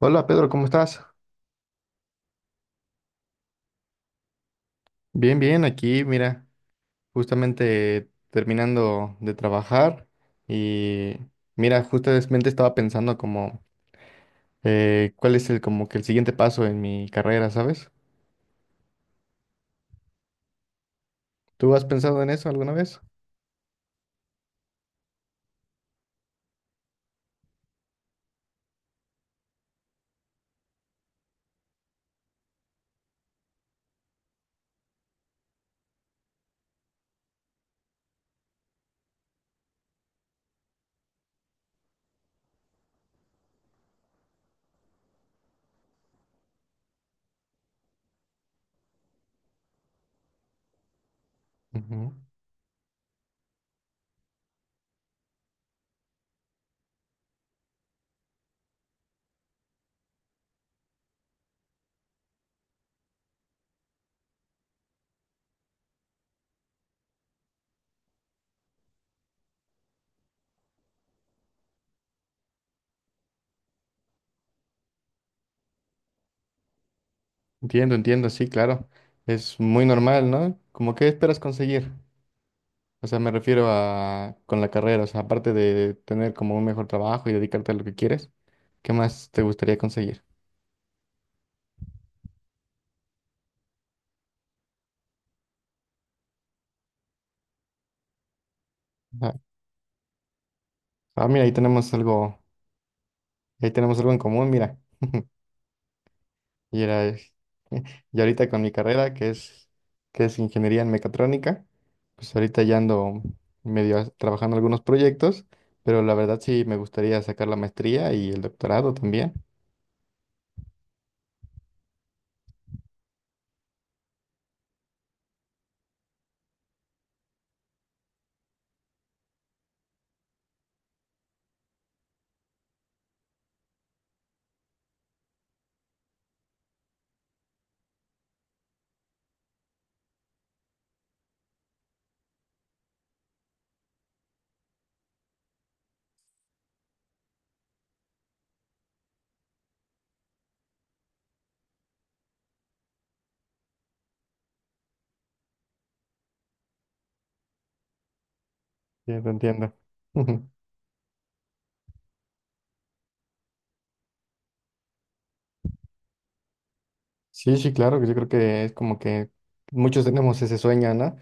Hola Pedro, ¿cómo estás? Bien, bien, aquí, mira, justamente terminando de trabajar y mira, justamente estaba pensando como cuál es el como que el siguiente paso en mi carrera, ¿sabes? ¿Tú has pensado en eso alguna vez? Ujú. Entiendo, entiendo, sí, claro. Es muy normal, ¿no? ¿Como qué esperas conseguir? O sea, me refiero a con la carrera, o sea, aparte de tener como un mejor trabajo y dedicarte a lo que quieres, ¿qué más te gustaría conseguir? Ah, ah, mira, ahí tenemos algo. Ahí tenemos algo en común, mira. Y era, eh, y ahorita con mi carrera, que es ingeniería en mecatrónica, pues ahorita ya ando trabajando algunos proyectos, pero la verdad sí me gustaría sacar la maestría y el doctorado también. Ya te entiendo. Ujú. Sí, sí, claro, que yo creo que es como que muchos tenemos ese sueño, ¿no?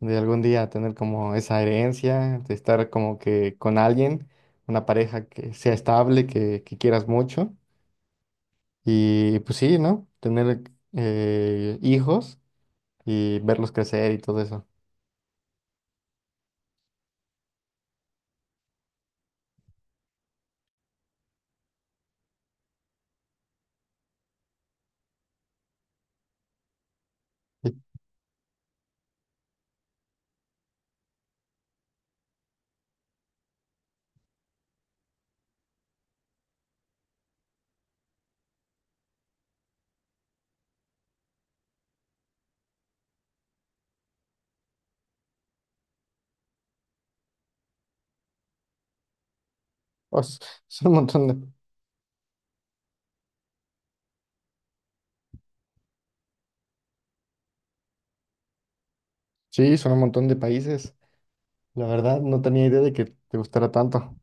De algún día tener como esa herencia, de estar como que con alguien, una pareja que sea estable, que quieras mucho. Y pues sí, ¿no? Tener hijos y verlos crecer y todo eso. Y, oh, son un montón de... Sí, son un montón de países. La verdad, no tenía idea de que te gustara tanto.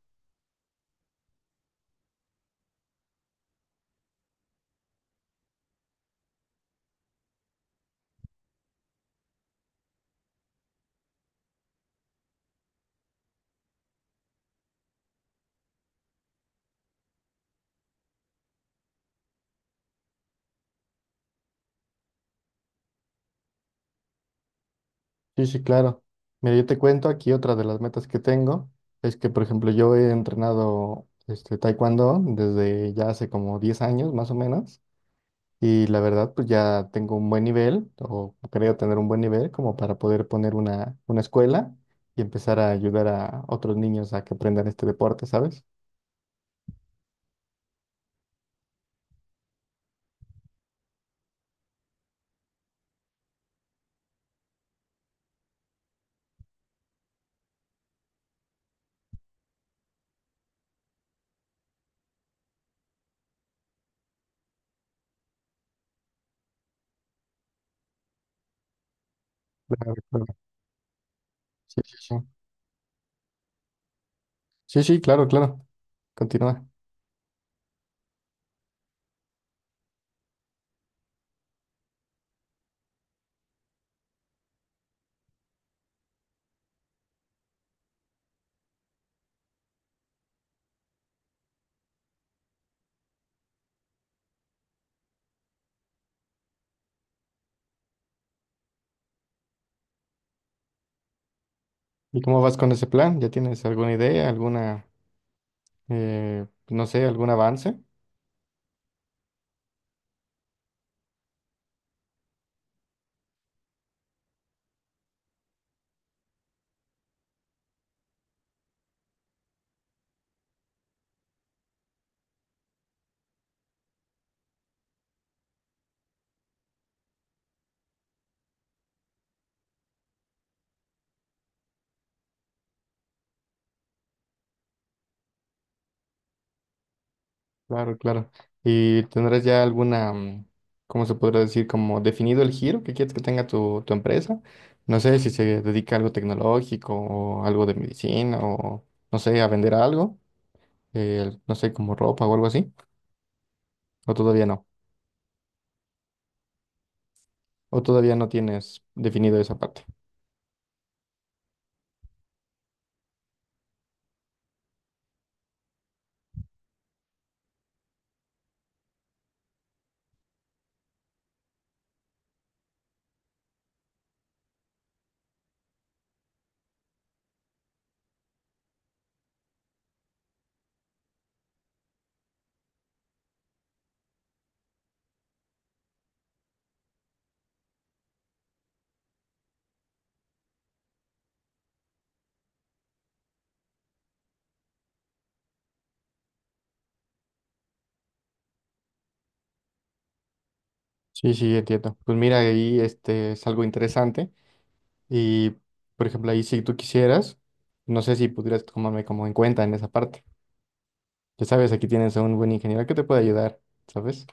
Sí, sí, claro. Mira, yo te cuento aquí otra de las metas que tengo. Es que, por ejemplo, yo he entrenado este, taekwondo desde ya hace como 10 años, más o menos. Y la verdad, pues ya tengo un buen nivel, o creo tener un buen nivel, como para poder poner una escuela y empezar a ayudar a otros niños a que aprendan este deporte, ¿sabes? Claro, claro. Sí, sí, sí. Sí, sí, claro, claro. Continúa. ¿Y cómo vas con ese plan? ¿Ya tienes alguna idea, alguna, no sé, algún avance? Claro, claro. ¿Y tendrás ya alguna, mm, cómo se podría decir, como definido el giro que quieres que tenga tu, tu empresa? No sé si se dedica a algo tecnológico o algo de medicina o, no sé, a vender algo, no sé, como ropa o algo así, o todavía no, o todavía no tienes definido esa parte. Sí, sí, entiendo. Pues mira, ahí este es algo interesante y, por ejemplo, ahí si tú quisieras, no sé si pudieras tomarme como en cuenta en esa parte. Ya sabes, aquí tienes a un buen ingeniero que te puede ayudar, ¿sabes?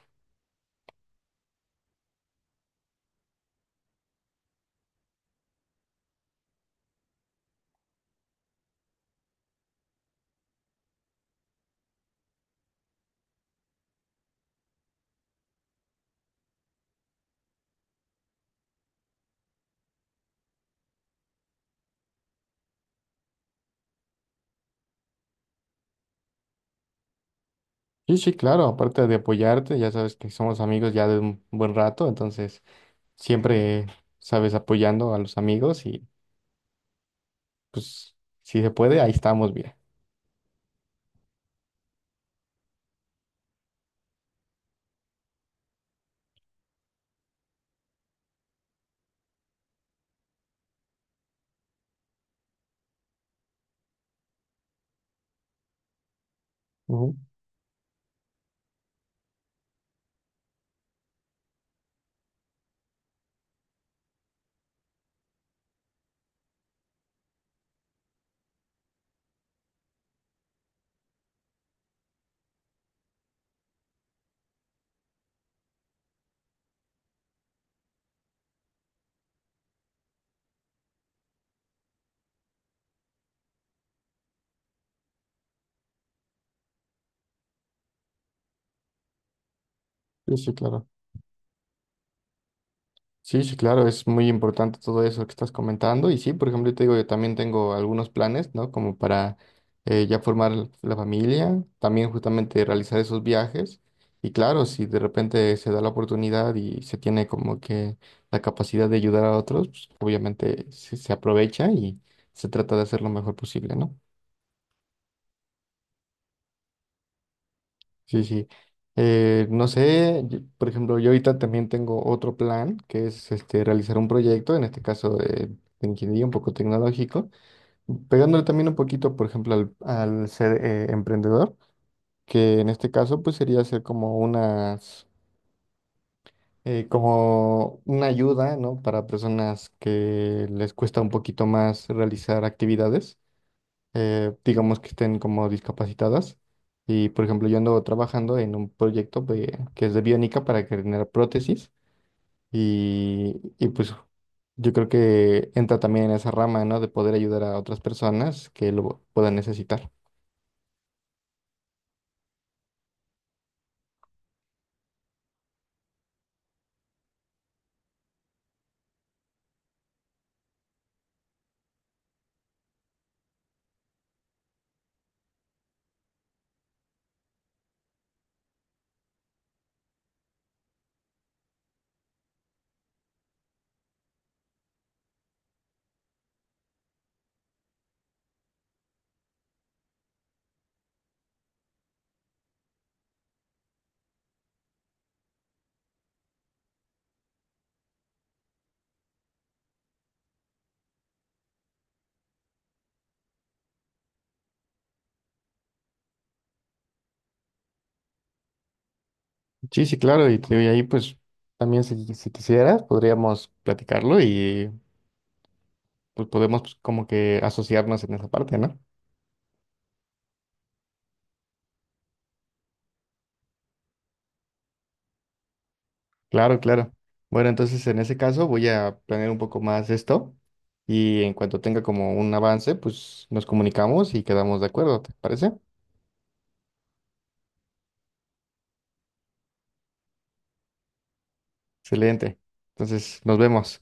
Sí, sí, claro, aparte de apoyarte, ya sabes que somos amigos ya de un buen rato, entonces siempre sabes apoyando a los amigos y pues si se puede, ahí estamos bien. Ujú. Sí, sí, claro. Sí, sí, claro, es muy importante todo eso que estás comentando. Y sí, por ejemplo, yo te digo, yo también tengo algunos planes, ¿no? Como para ya formar la familia, también justamente realizar esos viajes. Y claro, si de repente se da la oportunidad y se tiene como que la capacidad de ayudar a otros, pues obviamente se aprovecha y se trata de hacer lo mejor posible, ¿no? Sí, sí. No sé, por ejemplo, yo ahorita también tengo otro plan, que es este, realizar un proyecto, en este caso de ingeniería un poco tecnológico, pegándole también un poquito, por ejemplo, al ser emprendedor, que en este caso pues sería hacer como unas, como una ayuda, ¿no? Para personas que les cuesta un poquito más realizar actividades digamos que estén como discapacitadas. Y por ejemplo, yo ando trabajando en un proyecto que es de biónica para generar prótesis y pues yo creo que entra también en esa rama, ¿no? De poder ayudar a otras personas que lo puedan necesitar. Sí, sí, claro, y, te digo, y ahí pues también si, si quisieras podríamos platicarlo y pues podemos pues, como que asociarnos en esa parte, ¿no? Claro, claro. Bueno, entonces en ese caso voy a planear un poco más esto y en cuanto tenga como un avance, pues nos comunicamos y quedamos de acuerdo, ¿te parece? Excelente. Entonces, nos vemos.